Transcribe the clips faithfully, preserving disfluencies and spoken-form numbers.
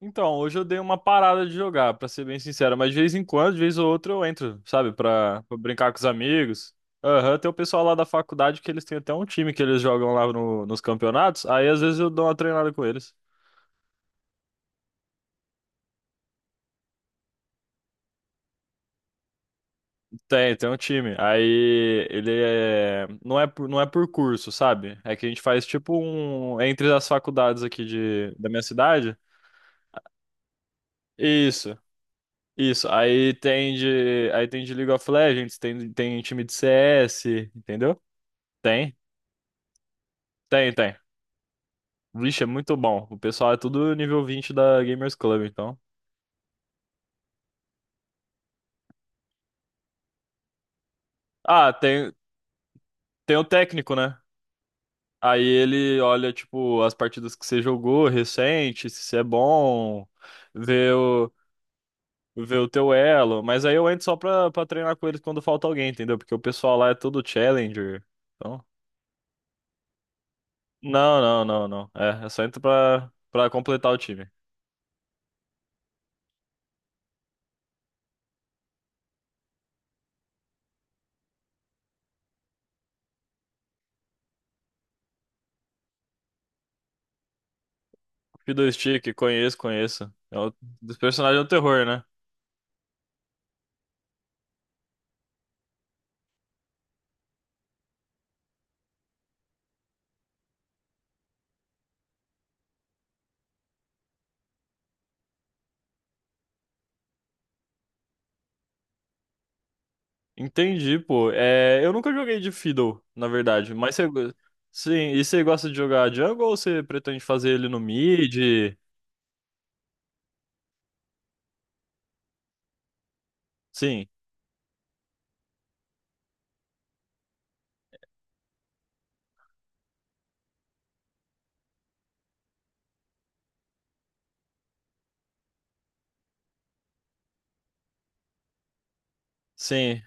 Então, hoje eu dei uma parada de jogar, pra ser bem sincero, mas de vez em quando, de vez ou outra eu entro, sabe, pra, pra brincar com os amigos. Aham, tem o pessoal lá da faculdade que eles têm até um time que eles jogam lá no- nos campeonatos, aí às vezes eu dou uma treinada com eles. Tem, tem um time. Aí ele é. Não é por, não é por curso, sabe? É que a gente faz tipo um. Entre as faculdades aqui de, da minha cidade. Isso, isso. Aí tem de. Aí tem de League of Legends, tem, tem time de C S, entendeu? Tem. Tem, tem. Vixe, é muito bom. O pessoal é tudo nível vinte da Gamers Club, então. Ah, tem, tem o técnico, né? Aí ele olha, tipo, as partidas que você jogou recente, se você é bom, vê o, vê o teu elo. Mas aí eu entro só pra, pra treinar com eles quando falta alguém, entendeu? Porque o pessoal lá é todo challenger. Então. Não, não, não, não. É, eu só entro pra, pra completar o time. Fiddlestick, conheço, conheço. É o, dos personagens é um terror, né? Entendi, pô. É, eu nunca joguei de Fiddle, na verdade. Mas você. Sim, e você gosta de jogar jungle ou você pretende fazer ele no mid? Sim, sim.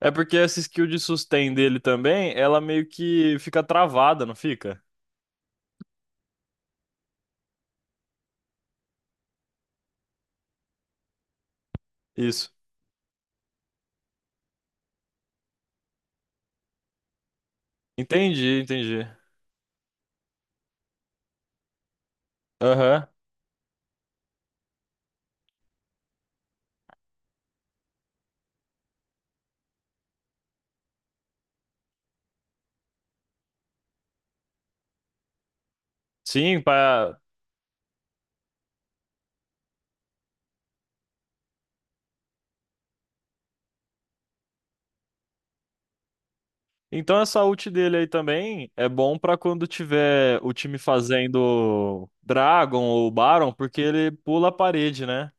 É porque essa skill de sustain dele também, ela meio que fica travada, não fica? Isso. Entendi, entendi. Aham. Sim, pra... Então essa ult dele aí também é bom pra quando tiver o time fazendo Dragon ou Baron, porque ele pula a parede, né?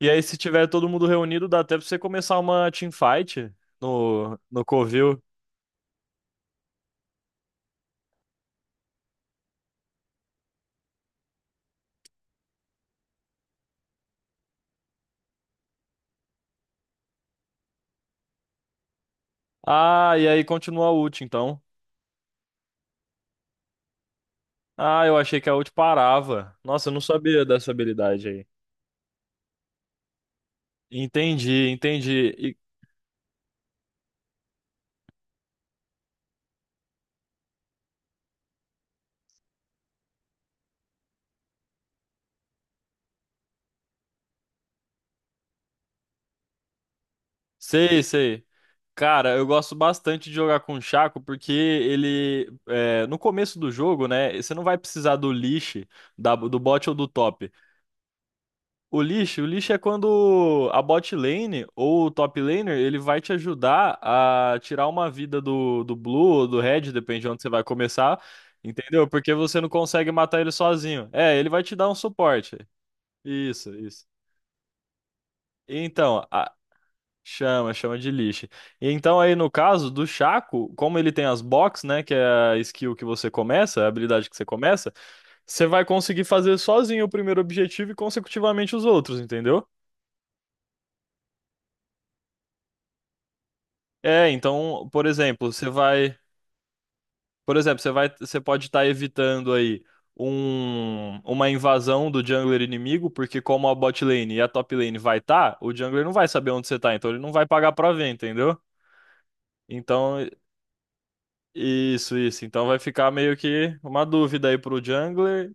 E aí, se tiver todo mundo reunido, dá até pra você começar uma teamfight no, no Covil. Ah, e aí continua a ult, então. Ah, eu achei que a ult parava. Nossa, eu não sabia dessa habilidade aí. Entendi, entendi. E- sei, sei. Cara, eu gosto bastante de jogar com o Chaco porque ele, é, no começo do jogo, né, você não vai precisar do leash, da- do bot ou do top. O lixo, o lixo é quando a bot lane ou o top laner, ele vai te ajudar a tirar uma vida do, do blue ou do red, depende de onde você vai começar, entendeu? Porque você não consegue matar ele sozinho. É, ele vai te dar um suporte. Isso, isso. Então, a- chama, chama de lixo. Então aí no caso do chaco como ele tem as box, né, que é a skill que você começa, a habilidade que você começa, você vai conseguir fazer sozinho o primeiro objetivo e consecutivamente os outros, entendeu? É, então, por exemplo, você vai, por exemplo, você vai, você pode estar evitando aí um, uma invasão do jungler inimigo, porque como a bot lane e a top lane vai estar, o jungler não vai saber onde você tá, então ele não vai pagar pra ver, entendeu? Então, isso, isso. Então vai ficar meio que uma dúvida aí pro jungler.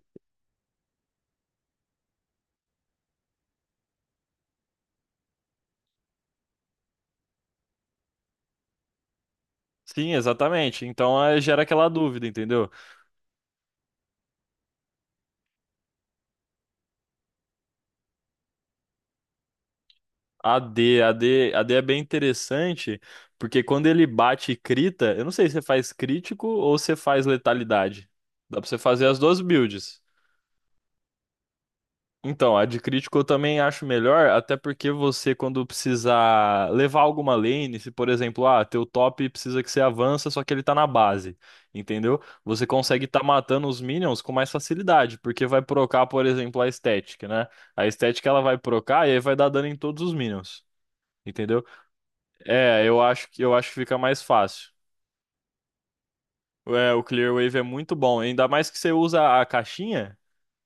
Sim, exatamente. Então eh, gera aquela dúvida, entendeu? A D, A D, A D é bem interessante, porque quando ele bate e crita, eu não sei se você faz crítico ou se faz letalidade. Dá pra você fazer as duas builds. Então, a de crítico eu também acho melhor, até porque você, quando precisar levar alguma lane, se por exemplo, ah, teu top precisa que você avança, só que ele tá na base, entendeu? Você consegue tá matando os minions com mais facilidade, porque vai procar, por exemplo, a estética, né? A estética ela vai procar e aí vai dar dano em todos os minions. Entendeu? É, eu acho que eu acho que fica mais fácil. É, o Clearwave é muito bom, ainda mais que você usa a caixinha,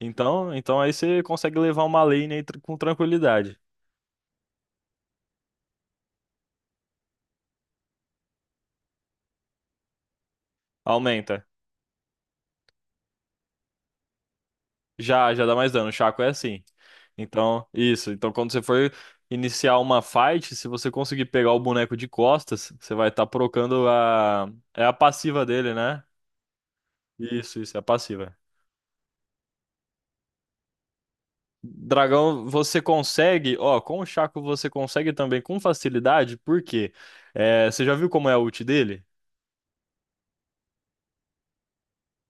então, então aí você consegue levar uma lane aí tr- com tranquilidade. Aumenta. Já, já dá mais dano. O Chaco é assim. Então, isso. Então, quando você for iniciar uma fight, se você conseguir pegar o boneco de costas, você vai estar procando a é a passiva dele, né? Isso, isso é a passiva. Dragão, você consegue, ó, com o Chaco você consegue também com facilidade, por quê? É, você já viu como é a ult dele?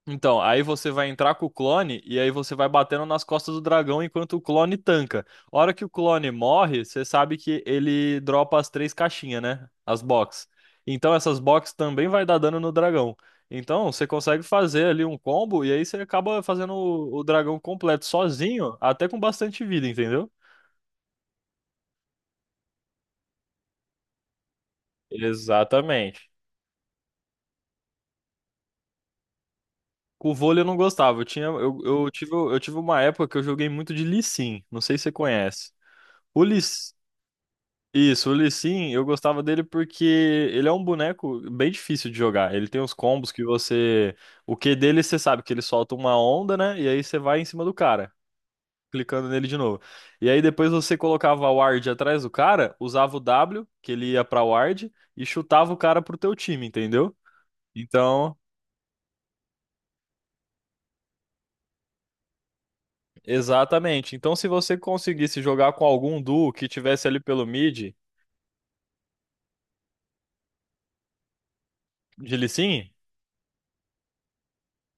Então, aí você vai entrar com o clone e aí você vai batendo nas costas do dragão enquanto o clone tanca. A hora que o clone morre, você sabe que ele dropa as três caixinhas, né? As box. Então essas box também vai dar dano no dragão. Então, você consegue fazer ali um combo e aí você acaba fazendo o o dragão completo sozinho, até com bastante vida, entendeu? Exatamente. Com o vôlei eu não gostava. Eu tinha, eu, eu tive, eu tive uma época que eu joguei muito de Lee Sin. Não sei se você conhece. O Lee, isso, o Lee Sin, eu gostava dele porque ele é um boneco bem difícil de jogar. Ele tem uns combos que você, o Q dele você sabe que ele solta uma onda, né? E aí você vai em cima do cara, clicando nele de novo. E aí depois você colocava a ward atrás do cara, usava o W, que ele ia pra ward e chutava o cara pro teu time, entendeu? Então, exatamente. Então, se você conseguisse jogar com algum duo que tivesse ali pelo mid, de Lee Sin,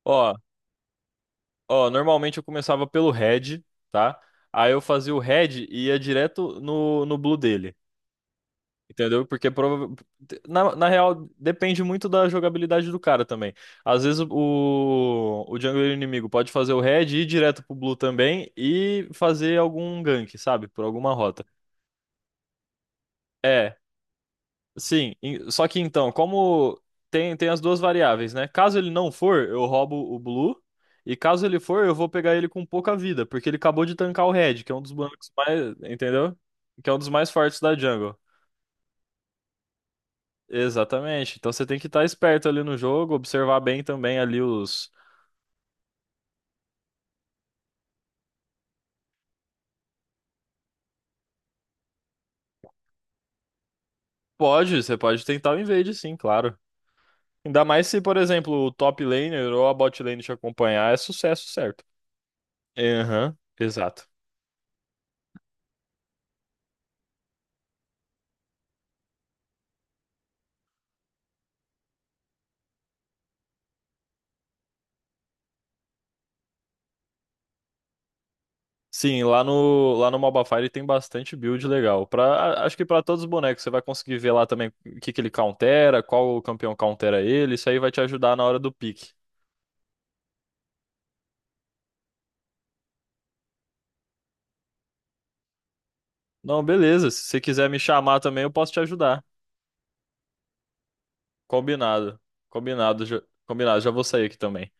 ó, ó, normalmente eu começava pelo red, tá? Aí eu fazia o red e ia direto no, no blue dele, entendeu? Porque prova- na, na real depende muito da jogabilidade do cara também. Às vezes o, o jungler inimigo pode fazer o red e ir direto pro blue também e fazer algum gank, sabe? Por alguma rota. É, sim, em- só que então, como tem, tem as duas variáveis, né? Caso ele não for, eu roubo o Blue. E caso ele for, eu vou pegar ele com pouca vida, porque ele acabou de tancar o Red, que é um dos bonecos mais, entendeu? Que é um dos mais fortes da jungle. Exatamente. Então você tem que estar esperto ali no jogo, observar bem também ali os. Pode, você pode tentar o invade, sim, claro. Ainda mais se, por exemplo, o top laner ou a bot lane te acompanhar, é sucesso, certo? Aham, exato. Sim, lá no, lá no Mobile fire tem bastante build legal. Pra, a- acho que pra todos os bonecos, você vai conseguir ver lá também o que que ele countera, qual o campeão countera ele, isso aí vai te ajudar na hora do pique. Não, beleza, se você quiser me chamar também, eu posso te ajudar. Combinado. Combinado, já, combinado, já vou sair aqui também.